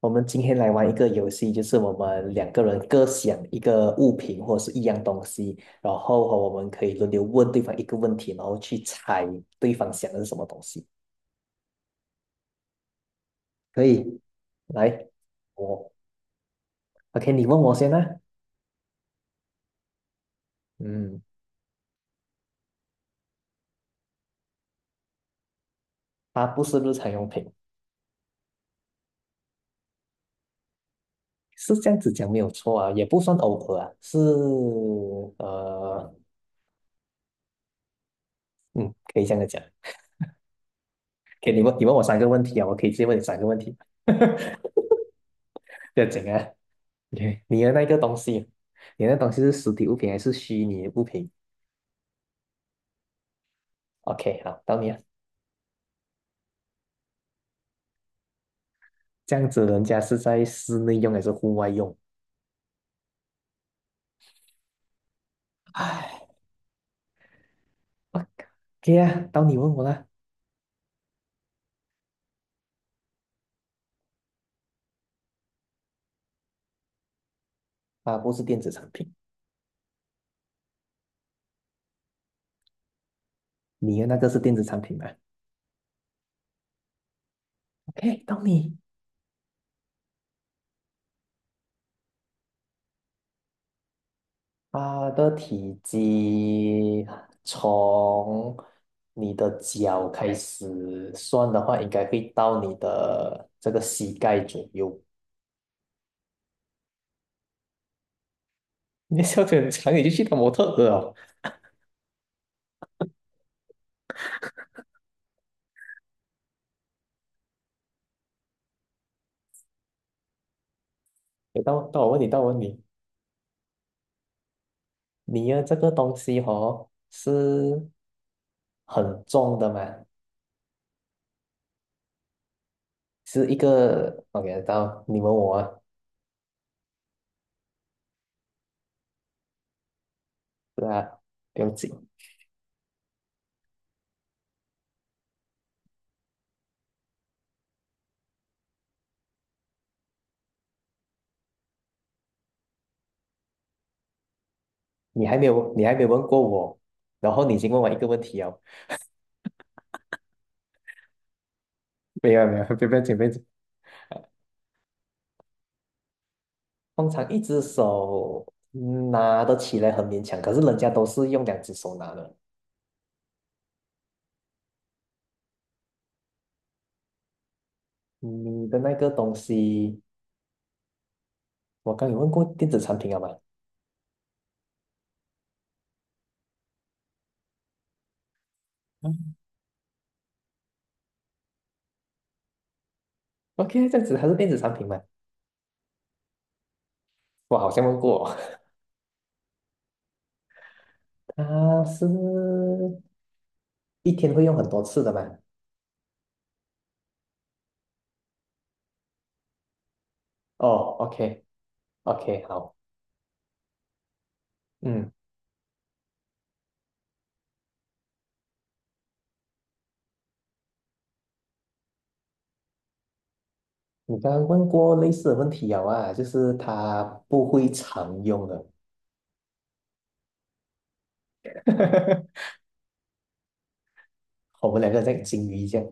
我们今天来玩一个游戏，就是我们两个人各想一个物品或者是一样东西，然后我们可以轮流问对方一个问题，然后去猜对方想的是什么东西。可以，来，我 OK，你问我先啦。嗯，它不是日常用品，是这样子讲没有错啊，也不算偶尔啊，是呃，嗯，可以这样子讲。可以，你问我三个问题啊，我可以直接问你三个问题，不要紧啊。你的那个东西，你的东西是实体物品还是虚拟的物品？OK，好，到你了。这样子，人家是在室内用还是户外用？哎，OK 啊，到你问我啦。啊，不是电子产品，你的那个是电子产品吗？OK，到你。它的体积啊从你的脚开始算的话，应该会到你的这个膝盖左右。你的笑得很长，你就去当模特儿哦。诶到我问你，到我问你，你要这个东西哦是很重的嘛，是一个 OK，到你问我啊，是啊，不用紧，你还没有问过我，然后你已经问我一个问题哦，没有没有，不要紧不要紧，通常一只手拿得起来很勉强，可是人家都是用两只手拿的，你的那个东西，我刚有问过电子产品好吗？嗯？OK，这样子还是电子产品嘛？我好像问过哦，它是一天会用很多次的嘛？哦，OK，OK，好，嗯，你刚刚问过类似的问题有啊，就是它不会常用的，我们两个在金鱼这样，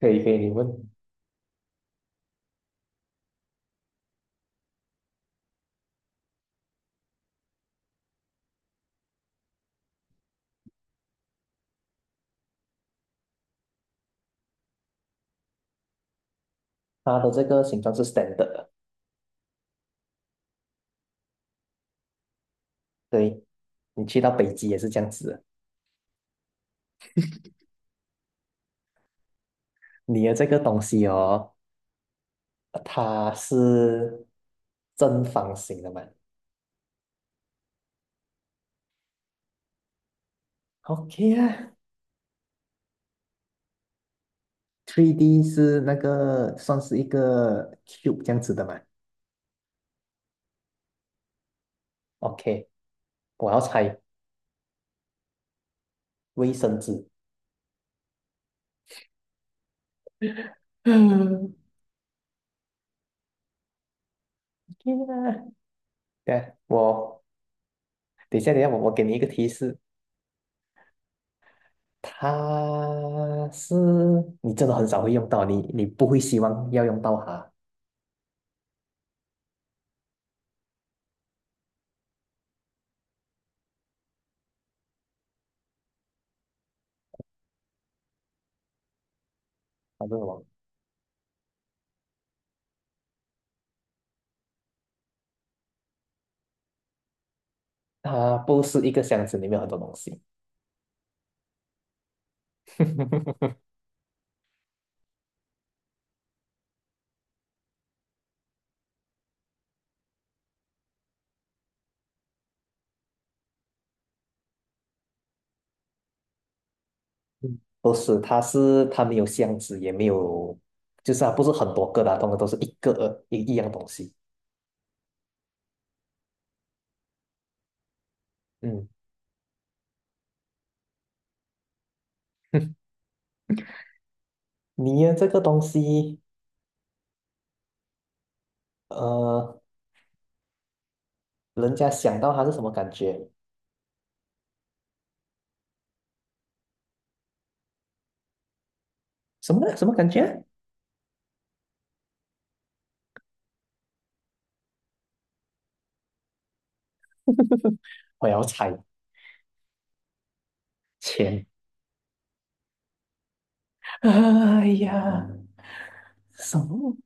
可以可以，你问它的这个形状是 standard 的。对，你去到北极也是这样子的，你的这个东西哦，它是正方形的嘛？OK 啊，3D 是那个算是一个 cube 这样子的嘛？OK，我要猜卫生纸。嗯，天啊！对下我等一下，等一下，我给你一个提示，它是你真的很少会用到，你不会希望要用到它，它是什么，它不是一个箱子里面有很多东西，不是，它是它没有箱子，也没有，就是它不是很多个的啊，通常都是一个一样东西。嗯，你呀，这个东西，呃，人家想到它是什么感觉？什么什么感觉？我要猜钱。哎呀，什么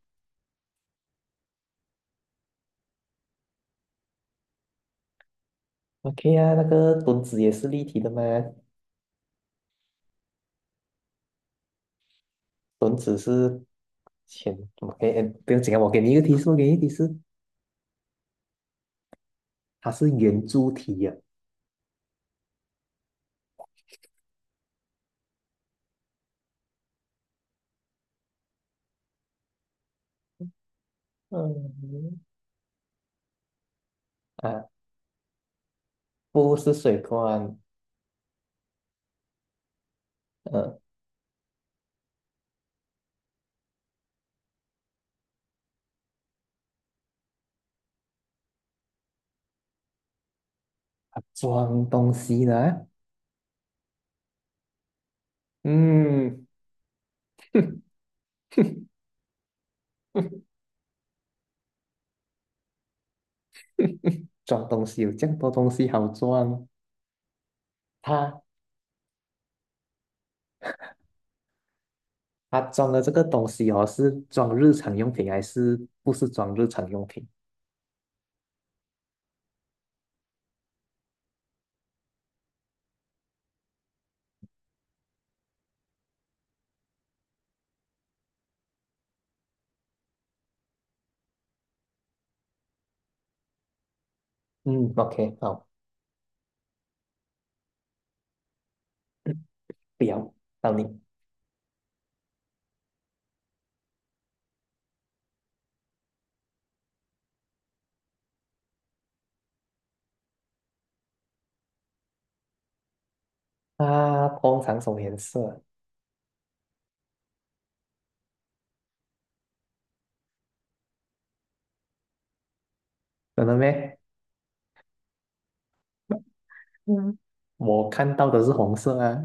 ？OK 啊，那个墩子也是立体的吗？墩子是前 OK，哎不用紧啊，我给你一个提示，我给你一个提示，它是圆柱体呀、嗯，啊，不是水罐，呃，它装东西呢、嗯，装东西有这么多东西好装，它它装的这个东西哦，是装日常用品还是不是装日常用品？嗯，OK，好，不要，到你。啊，通常什么颜色？真的咩？嗯，我看到的是红色啊，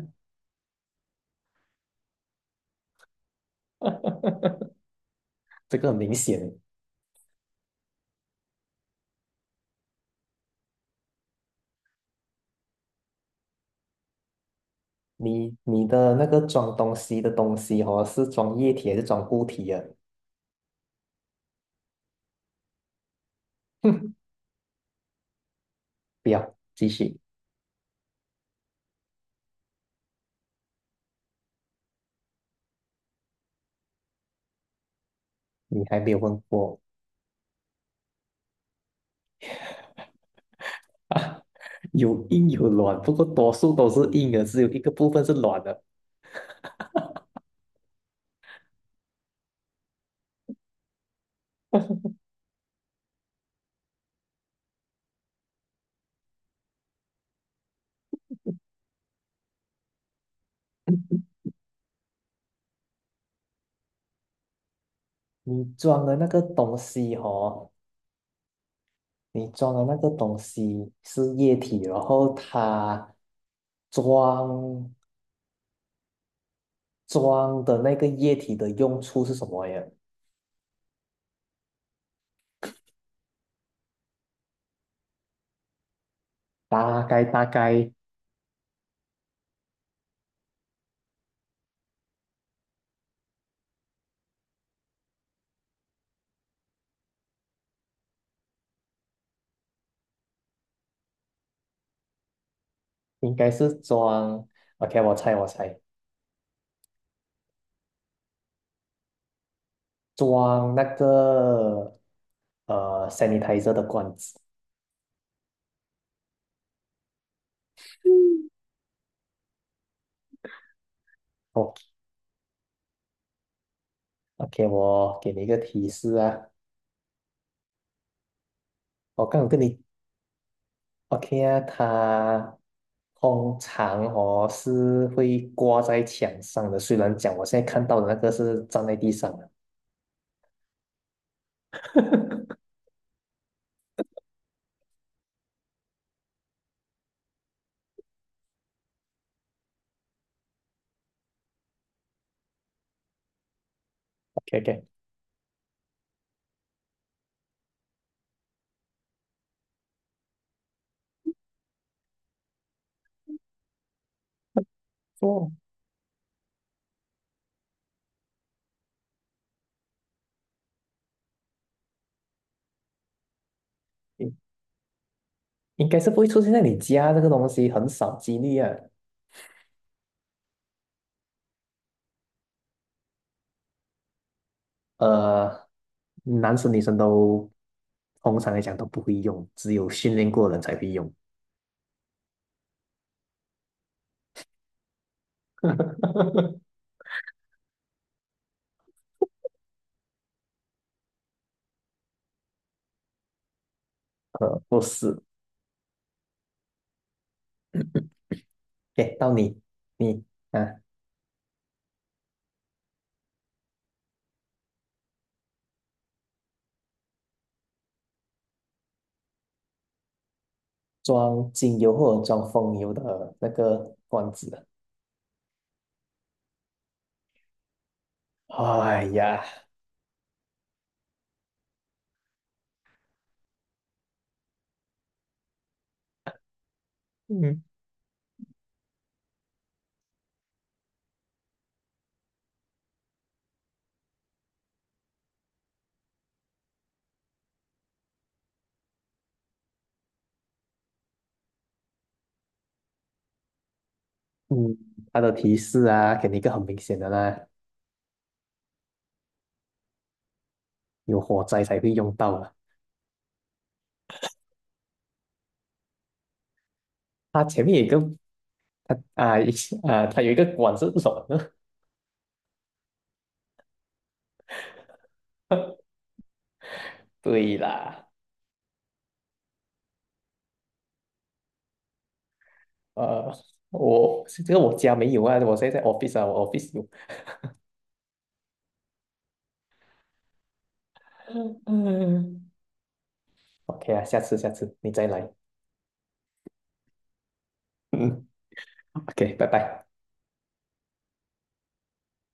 这个很明显。你你的那个装东西的东西哦，是装液体还是装固体啊？不要，继续，你还没有问过啊。有硬有软，不过多数都是硬的，只有一个部分是软的。你装的那个东西哦，你装的那个东西是液体，然后它装。装的那个液体的用处是什么呀？大概大概应该是装，OK，我猜我猜，装那个sanitizer 的罐子。哦，OK，我给你一个提示啊，我刚有跟你 OK 啊，它通常哦是会挂在墙上的，虽然讲我现在看到的那个是站在地上的。OK OK，哦，应应该是不会出现在你家这个东西，很少几率啊。呃，男生女生都通常来讲都不会用，只有训练过的人才会用。不是，给到你，你啊，装精油或者装风油的那个罐子啊。哎呀，嗯，嗯，它的提示啊，给你一个很明显的啦，有火灾才会用到啊。它前面有一个，它啊一啊，它有一个管是什么呢？对啦，呃，我这个我家没有啊，我现在在 office 啊，我 office 有。嗯嗯，OK 啊，下次下次你再来。嗯，OK，拜拜。